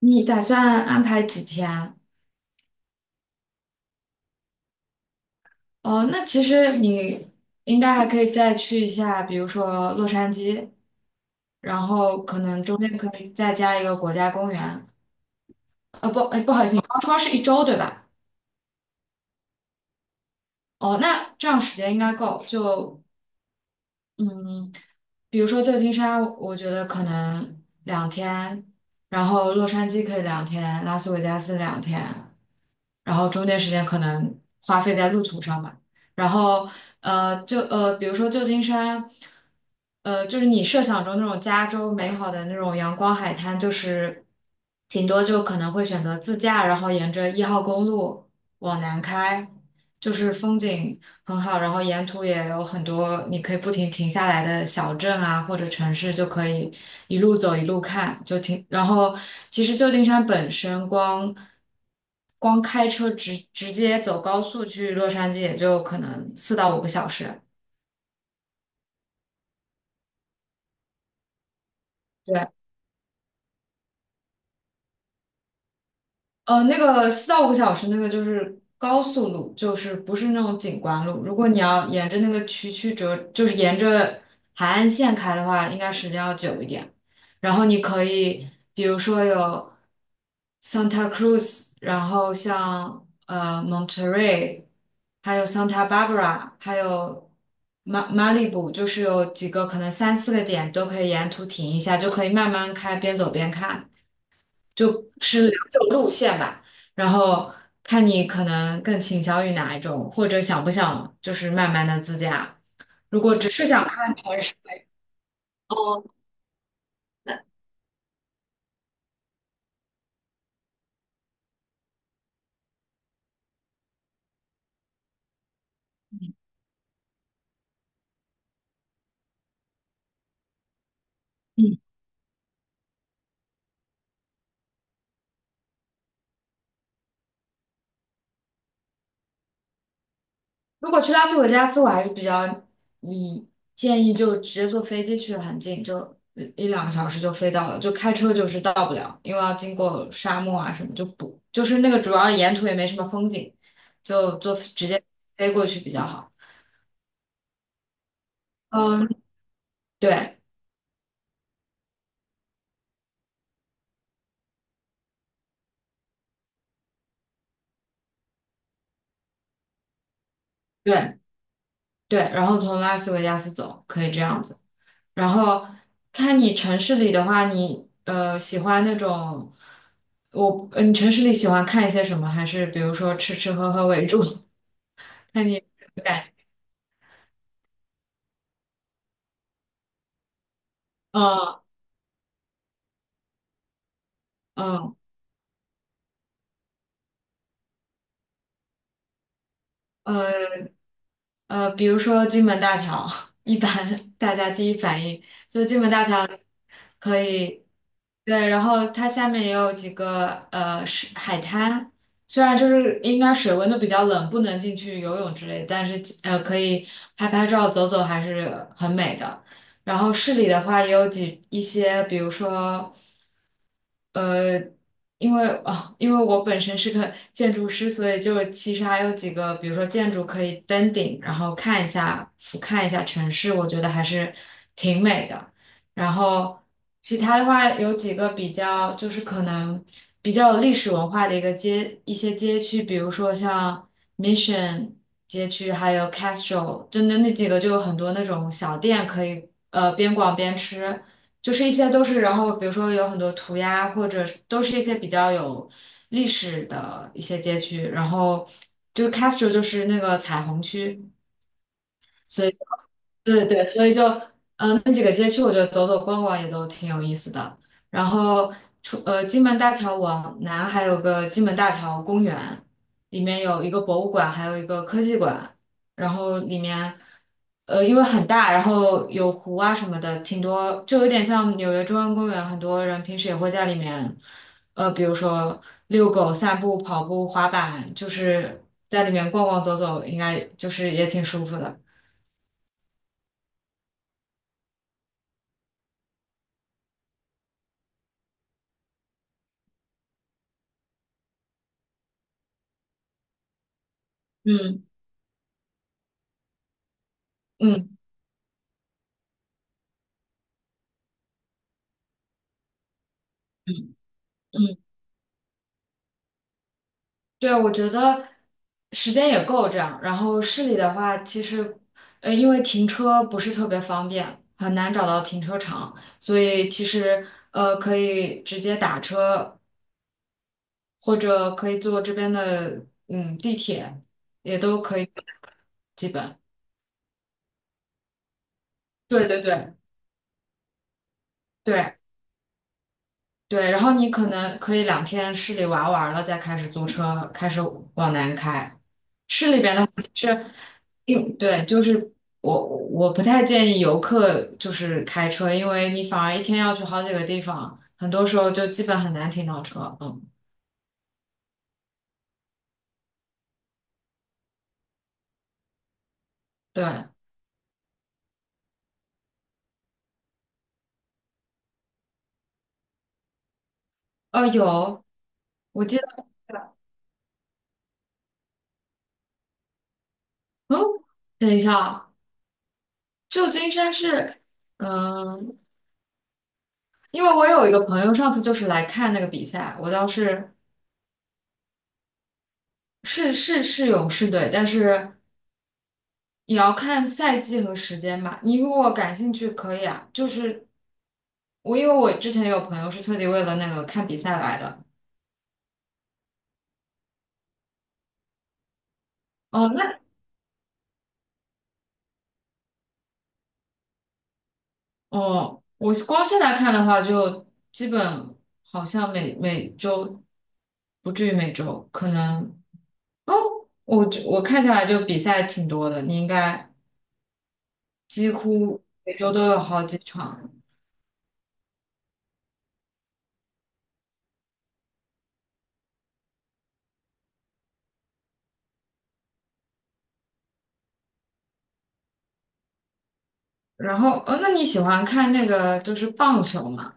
你打算安排几天啊？哦，那其实你应该还可以再去一下，比如说洛杉矶，然后可能中间可以再加一个国家公园。不，哎，不好意思，你刚说是1周对吧？哦，那这样时间应该够。就嗯，比如说旧金山，我觉得可能两天，然后洛杉矶可以两天，拉斯维加斯两天。然后中间时间可能花费在路途上吧。然后就比如说旧金山，就是你设想中那种加州美好的那种阳光海滩，就是挺多就可能会选择自驾，然后沿着1号公路往南开，就是风景很好，然后沿途也有很多你可以不停停下来的小镇啊，或者城市，就可以一路走一路看，就停。然后其实旧金山本身光开车直接走高速去洛杉矶，也就可能四到五个小时。对。那个四到五个小时，那个就是高速路，就是不是那种景观路。如果你要沿着那个曲曲折，就是沿着海岸线开的话，应该时间要久一点。然后你可以，比如说有 Santa Cruz，然后像Monterey，还有 Santa Barbara，还有马里布，就是有几个可能三四个点都可以沿途停一下，就可以慢慢开，边走边看。就是两种路线吧，然后看你可能更倾向于哪一种，或者想不想就是慢慢的自驾。如果只是想看城市，嗯，如果去拉斯维加斯，我还是比较你建议就直接坐飞机去，很近，就一两个小时就飞到了，就开车就是到不了，因为要经过沙漠啊什么，就不就是那个主要沿途也没什么风景，就坐直接飞过去比较好。嗯，对对。对，然后从拉斯维加斯走，可以这样子。然后看你城市里的话，你喜欢那种，你城市里喜欢看一些什么？还是比如说吃吃喝喝为主？看你感，嗯嗯呃，呃，比如说金门大桥，一般大家第一反应就金门大桥可以，对，然后它下面也有几个是海滩，虽然就是应该水温都比较冷，不能进去游泳之类，但是可以拍拍照、走走还是很美的。然后市里的话也有一些，比如说。呃，因为我本身是个建筑师，所以就其实还有几个，比如说建筑可以登顶，然后看一下俯瞰一下城市，我觉得还是挺美的。然后其他的话，有几个比较就是可能比较有历史文化的一些街区，比如说像 Mission 街区，还有 Castro，真的那几个就有很多那种小店可以边逛边吃。就是一些都是，然后比如说有很多涂鸦，或者是都是一些比较有历史的一些街区，然后就是 Castro 就是那个彩虹区，所以对对对，所以就那几个街区，我觉得走走逛逛也都挺有意思的。然后金门大桥往南还有个金门大桥公园，里面有一个博物馆，还有一个科技馆。然后里面因为很大，然后有湖啊什么的，挺多，就有点像纽约中央公园。很多人平时也会在里面，比如说遛狗、散步、跑步、滑板，就是在里面逛逛走走，应该就是也挺舒服的。嗯嗯嗯。嗯。对，我觉得时间也够这样。然后市里的话，其实因为停车不是特别方便，很难找到停车场，所以其实可以直接打车，或者可以坐这边的地铁，基本。对对对对对。然后你可能可以两天市里玩完了，再开始租车，开始往南开。市里边的话，其实因对，就是我不太建议游客就是开车，因为你反而一天要去好几个地方，很多时候就基本很难停到车。嗯，对，有，我记得，嗯，等一下啊，旧金山是，嗯，因为我有一个朋友上次就是来看那个比赛，我倒是是勇士队，但是也要看赛季和时间吧。你如果感兴趣可以啊，就是因为我之前有朋友是特地为了那个看比赛来的。哦，那哦，我光现在看的话，就基本好像每周不至于每周，可能哦，我看下来就比赛挺多的，你应该几乎每周都有好几场。然后，那你喜欢看那个就是棒球吗？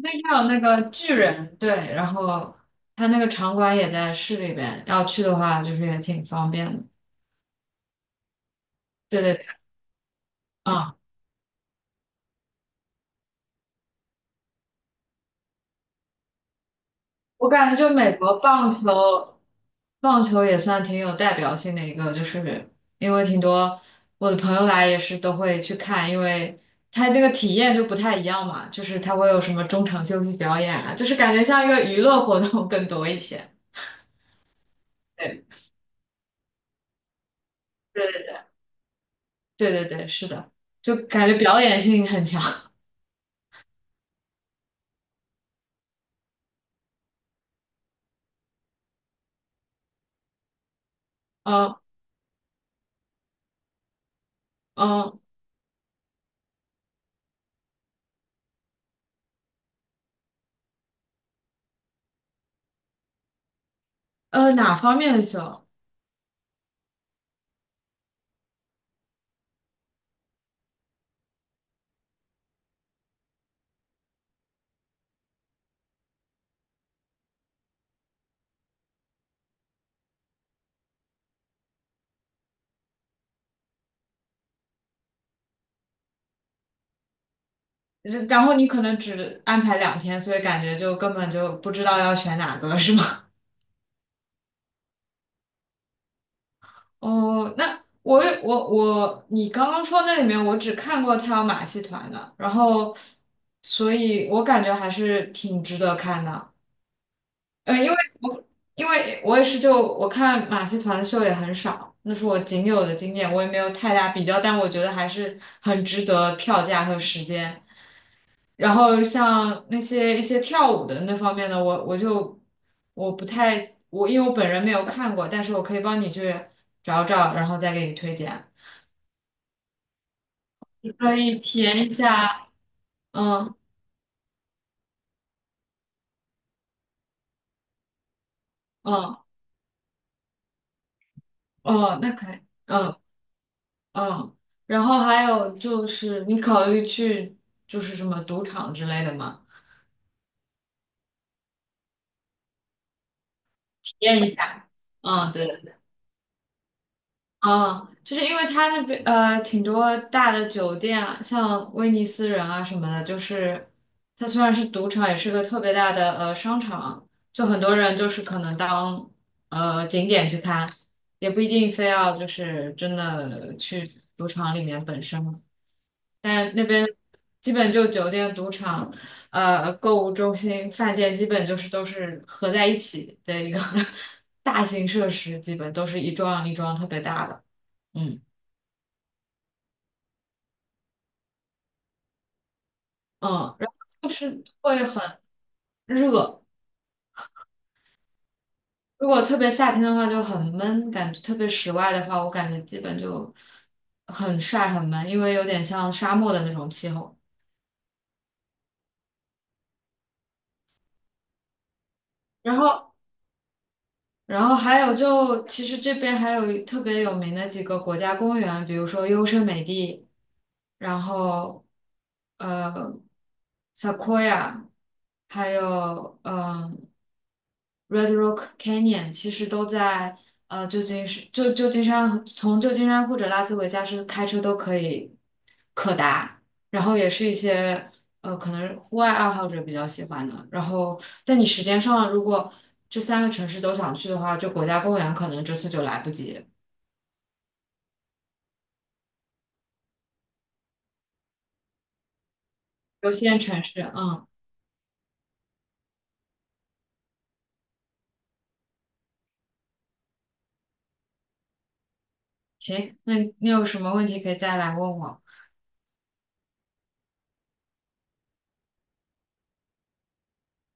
最近有那个巨人队，然后他那个场馆也在市里边，要去的话就是也挺方便的。对对对，啊。我感觉就美国棒球，棒球也算挺有代表性的一个，就是因为挺多我的朋友来也是都会去看，因为他那个体验就不太一样嘛，就是他会有什么中场休息表演啊，就是感觉像一个娱乐活动更多一些。对对对对，对，是的，就感觉表演性很强。嗯嗯哪方面的秀？然后你可能只安排两天，所以感觉就根本就不知道要选哪个，是吗？哦，那我也我我，你刚刚说那里面，我只看过他有马戏团的，然后，所以我感觉还是挺值得看的。因为我我也是就我看马戏团的秀也很少，那是我仅有的经验，我也没有太大比较，但我觉得还是很值得票价和时间。然后像那些一些跳舞的那方面的，我就我不太因为我本人没有看过，但是我可以帮你去找找，然后再给你推荐。可以体验一下，嗯嗯哦，那可以，嗯嗯，然后还有就是你考虑去就是什么赌场之类的吗？体验一下，嗯对，嗯，就是因为它那边挺多大的酒店啊，像威尼斯人啊什么的，就是它虽然是赌场，也是个特别大的商场，就很多人就是可能当景点去看。也不一定非要就是真的去赌场里面本身。但那边基本就酒店、赌场、购物中心、饭店，基本就是都是合在一起的一个 大型设施，基本都是一幢一幢特别大的。嗯嗯，然后就是会很热，如果特别夏天的话就很闷，感觉特别室外的话，我感觉基本就很晒很闷，因为有点像沙漠的那种气候。然后。然后还有就，其实这边还有特别有名的几个国家公园，比如说优胜美地，然后呃 s e q o i a 还有Red Rock Canyon，其实都在旧金山，旧金山从旧金山或者拉斯维加斯开车都可以可达。然后也是一些可能户外爱好者比较喜欢的。然后，但你时间上如果这3个城市都想去的话，这国家公园可能这次就来不及。有限城市，嗯，行，那你有什么问题可以再来问我。